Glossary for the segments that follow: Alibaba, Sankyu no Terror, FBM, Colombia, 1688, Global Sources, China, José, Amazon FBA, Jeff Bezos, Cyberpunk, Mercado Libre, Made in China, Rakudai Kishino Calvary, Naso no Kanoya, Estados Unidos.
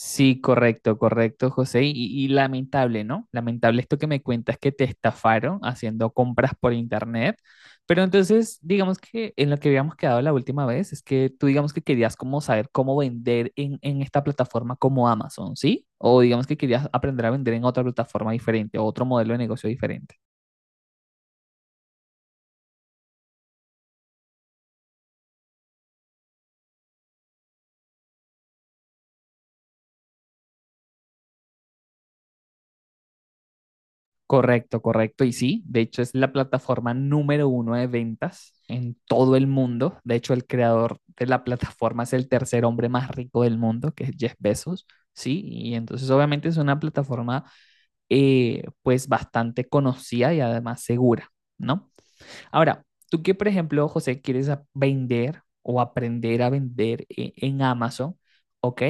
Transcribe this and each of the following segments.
Sí, correcto, correcto, José. Y lamentable, ¿no? Lamentable esto que me cuentas que te estafaron haciendo compras por internet. Pero entonces, digamos que en lo que habíamos quedado la última vez es que tú digamos que querías como saber cómo vender en esta plataforma como Amazon, ¿sí? O digamos que querías aprender a vender en otra plataforma diferente o otro modelo de negocio diferente. Correcto, correcto. Y sí, de hecho es la plataforma número uno de ventas en todo el mundo. De hecho, el creador de la plataforma es el tercer hombre más rico del mundo, que es Jeff Bezos. Sí, y entonces obviamente es una plataforma pues bastante conocida y además segura, ¿no? Ahora, tú que, por ejemplo, José, quieres vender o aprender a vender en Amazon, ¿ok?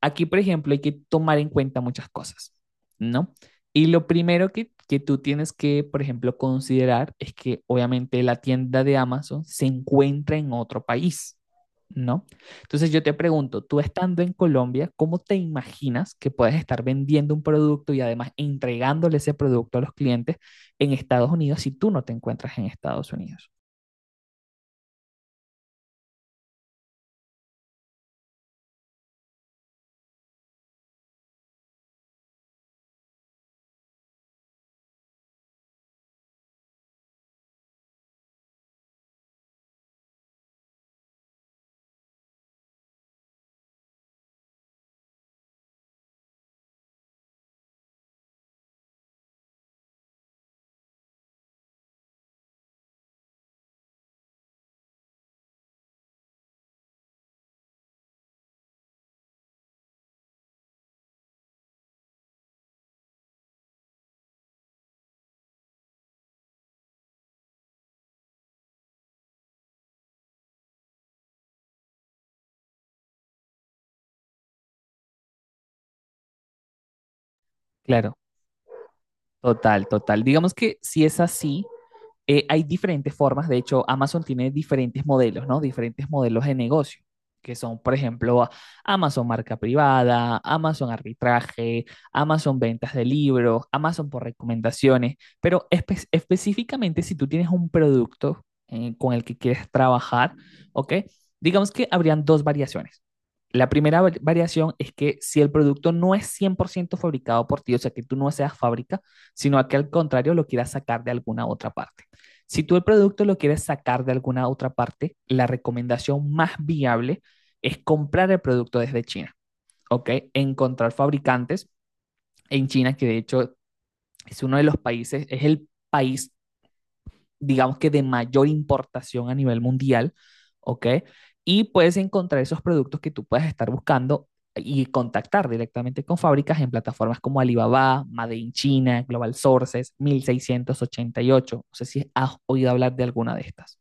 Aquí, por ejemplo, hay que tomar en cuenta muchas cosas, ¿no? Y lo primero que tú tienes que, por ejemplo, considerar es que obviamente la tienda de Amazon se encuentra en otro país, ¿no? Entonces yo te pregunto, tú estando en Colombia, ¿cómo te imaginas que puedes estar vendiendo un producto y además entregándole ese producto a los clientes en Estados Unidos si tú no te encuentras en Estados Unidos? Claro, total, total. Digamos que si es así, hay diferentes formas. De hecho, Amazon tiene diferentes modelos, ¿no? Diferentes modelos de negocio, que son, por ejemplo, Amazon marca privada, Amazon arbitraje, Amazon ventas de libros, Amazon por recomendaciones, pero específicamente si tú tienes un producto con el que quieres trabajar, ¿ok? Digamos que habrían dos variaciones. La primera variación es que si el producto no es 100% fabricado por ti, o sea, que tú no seas fábrica, sino que al contrario lo quieras sacar de alguna otra parte. Si tú el producto lo quieres sacar de alguna otra parte, la recomendación más viable es comprar el producto desde China, ¿ok? Encontrar fabricantes en China, que de hecho es uno de los países, es el país, digamos que de mayor importación a nivel mundial, ¿ok? Y puedes encontrar esos productos que tú puedas estar buscando y contactar directamente con fábricas en plataformas como Alibaba, Made in China, Global Sources, 1688. No sé si has oído hablar de alguna de estas.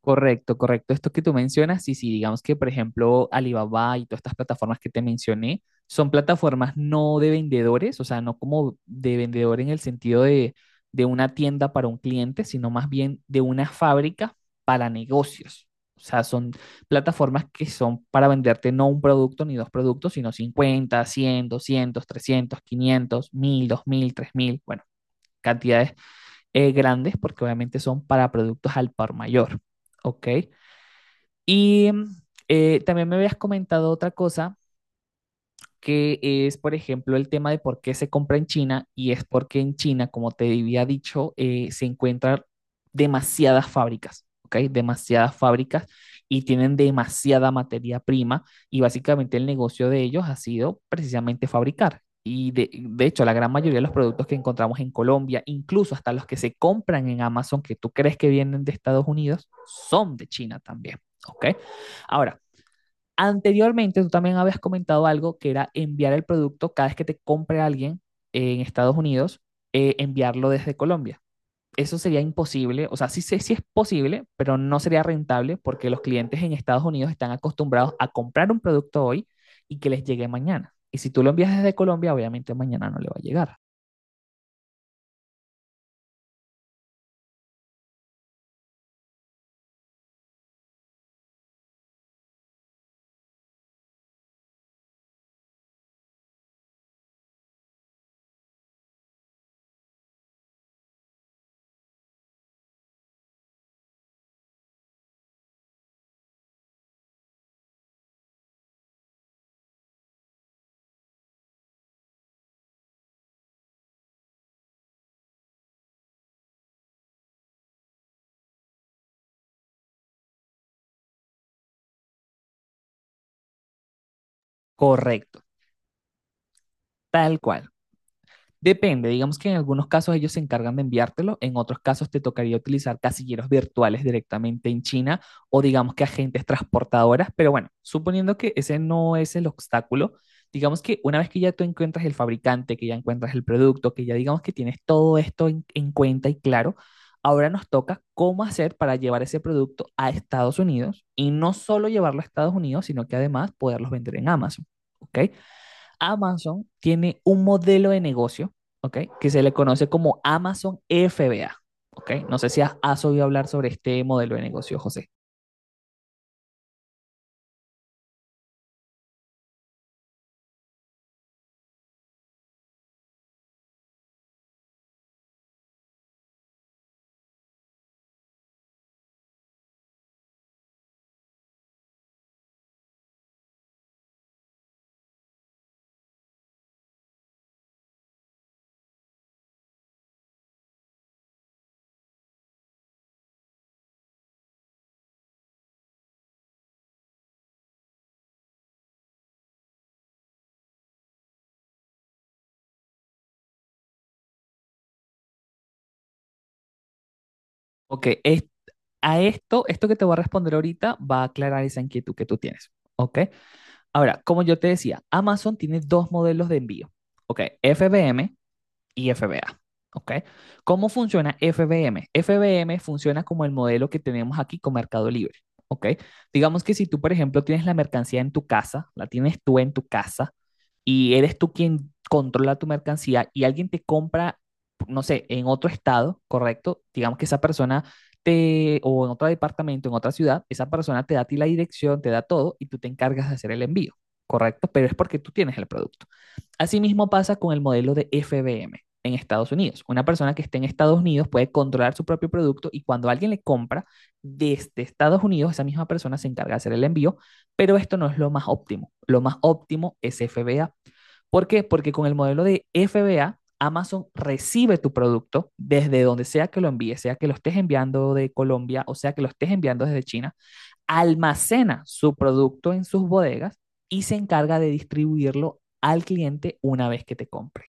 Correcto, correcto. Esto que tú mencionas, sí, sí, digamos que, por ejemplo, Alibaba y todas estas plataformas que te mencioné son plataformas no de vendedores, o sea, no como de vendedor en el sentido de una tienda para un cliente, sino más bien de una fábrica para negocios. O sea, son plataformas que son para venderte no un producto ni dos productos, sino 50, 300, 500, 1000, 2000, 3000, bueno, cantidades grandes, porque obviamente son para productos al por mayor. ¿Ok? Y también me habías comentado otra cosa, que es, por ejemplo, el tema de por qué se compra en China, y es porque en China, como te había dicho, se encuentran demasiadas fábricas, ¿ok? Demasiadas fábricas y tienen demasiada materia prima, y básicamente el negocio de ellos ha sido precisamente fabricar. Y de hecho, la gran mayoría de los productos que encontramos en Colombia, incluso hasta los que se compran en Amazon, que tú crees que vienen de Estados Unidos, son de China también, ¿ok? Ahora, anteriormente, tú también habías comentado algo que era enviar el producto cada vez que te compre alguien en Estados Unidos, enviarlo desde Colombia. Eso sería imposible, o sea, sí, sé sí es posible, pero no sería rentable porque los clientes en Estados Unidos están acostumbrados a comprar un producto hoy y que les llegue mañana. Y si tú lo envías desde Colombia, obviamente mañana no le va a llegar. Correcto, tal cual. Depende, digamos que en algunos casos ellos se encargan de enviártelo, en otros casos te tocaría utilizar casilleros virtuales directamente en China o digamos que agentes transportadoras, pero bueno, suponiendo que ese no es el obstáculo, digamos que una vez que ya tú encuentras el fabricante, que ya encuentras el producto, que ya digamos que tienes todo esto en cuenta y claro, ahora nos toca cómo hacer para llevar ese producto a Estados Unidos y no solo llevarlo a Estados Unidos, sino que además poderlos vender en Amazon. ¿Ok? Amazon tiene un modelo de negocio, ¿ok?, que se le conoce como Amazon FBA, ¿ok? No sé si has oído hablar sobre este modelo de negocio, José. Ok, es, a esto, esto que te voy a responder ahorita va a aclarar esa inquietud que tú tienes, ¿ok? Ahora, como yo te decía, Amazon tiene dos modelos de envío, ¿ok? FBM y FBA. ¿Ok? ¿Cómo funciona FBM? FBM funciona como el modelo que tenemos aquí con Mercado Libre. ¿Ok? Digamos que si tú, por ejemplo, tienes la mercancía en tu casa, la tienes tú en tu casa y eres tú quien controla tu mercancía y alguien te compra, no sé, en otro estado, ¿correcto? Digamos que esa persona te, o en otro departamento, en otra ciudad, esa persona te da a ti la dirección, te da todo y tú te encargas de hacer el envío, ¿correcto? Pero es porque tú tienes el producto. Asimismo pasa con el modelo de FBM en Estados Unidos. Una persona que esté en Estados Unidos puede controlar su propio producto y cuando alguien le compra desde Estados Unidos, esa misma persona se encarga de hacer el envío, pero esto no es lo más óptimo. Lo más óptimo es FBA. ¿Por qué? Porque con el modelo de FBA, Amazon recibe tu producto desde donde sea que lo envíes, sea que lo estés enviando de Colombia o sea que lo estés enviando desde China, almacena su producto en sus bodegas y se encarga de distribuirlo al cliente una vez que te compre.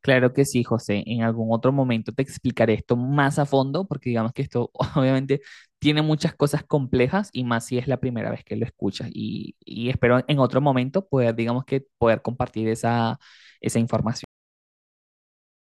Claro que sí, José. En algún otro momento te explicaré esto más a fondo, porque digamos que esto obviamente tiene muchas cosas complejas y más si es la primera vez que lo escuchas. Y espero en otro momento poder, digamos que, poder compartir esa, esa información.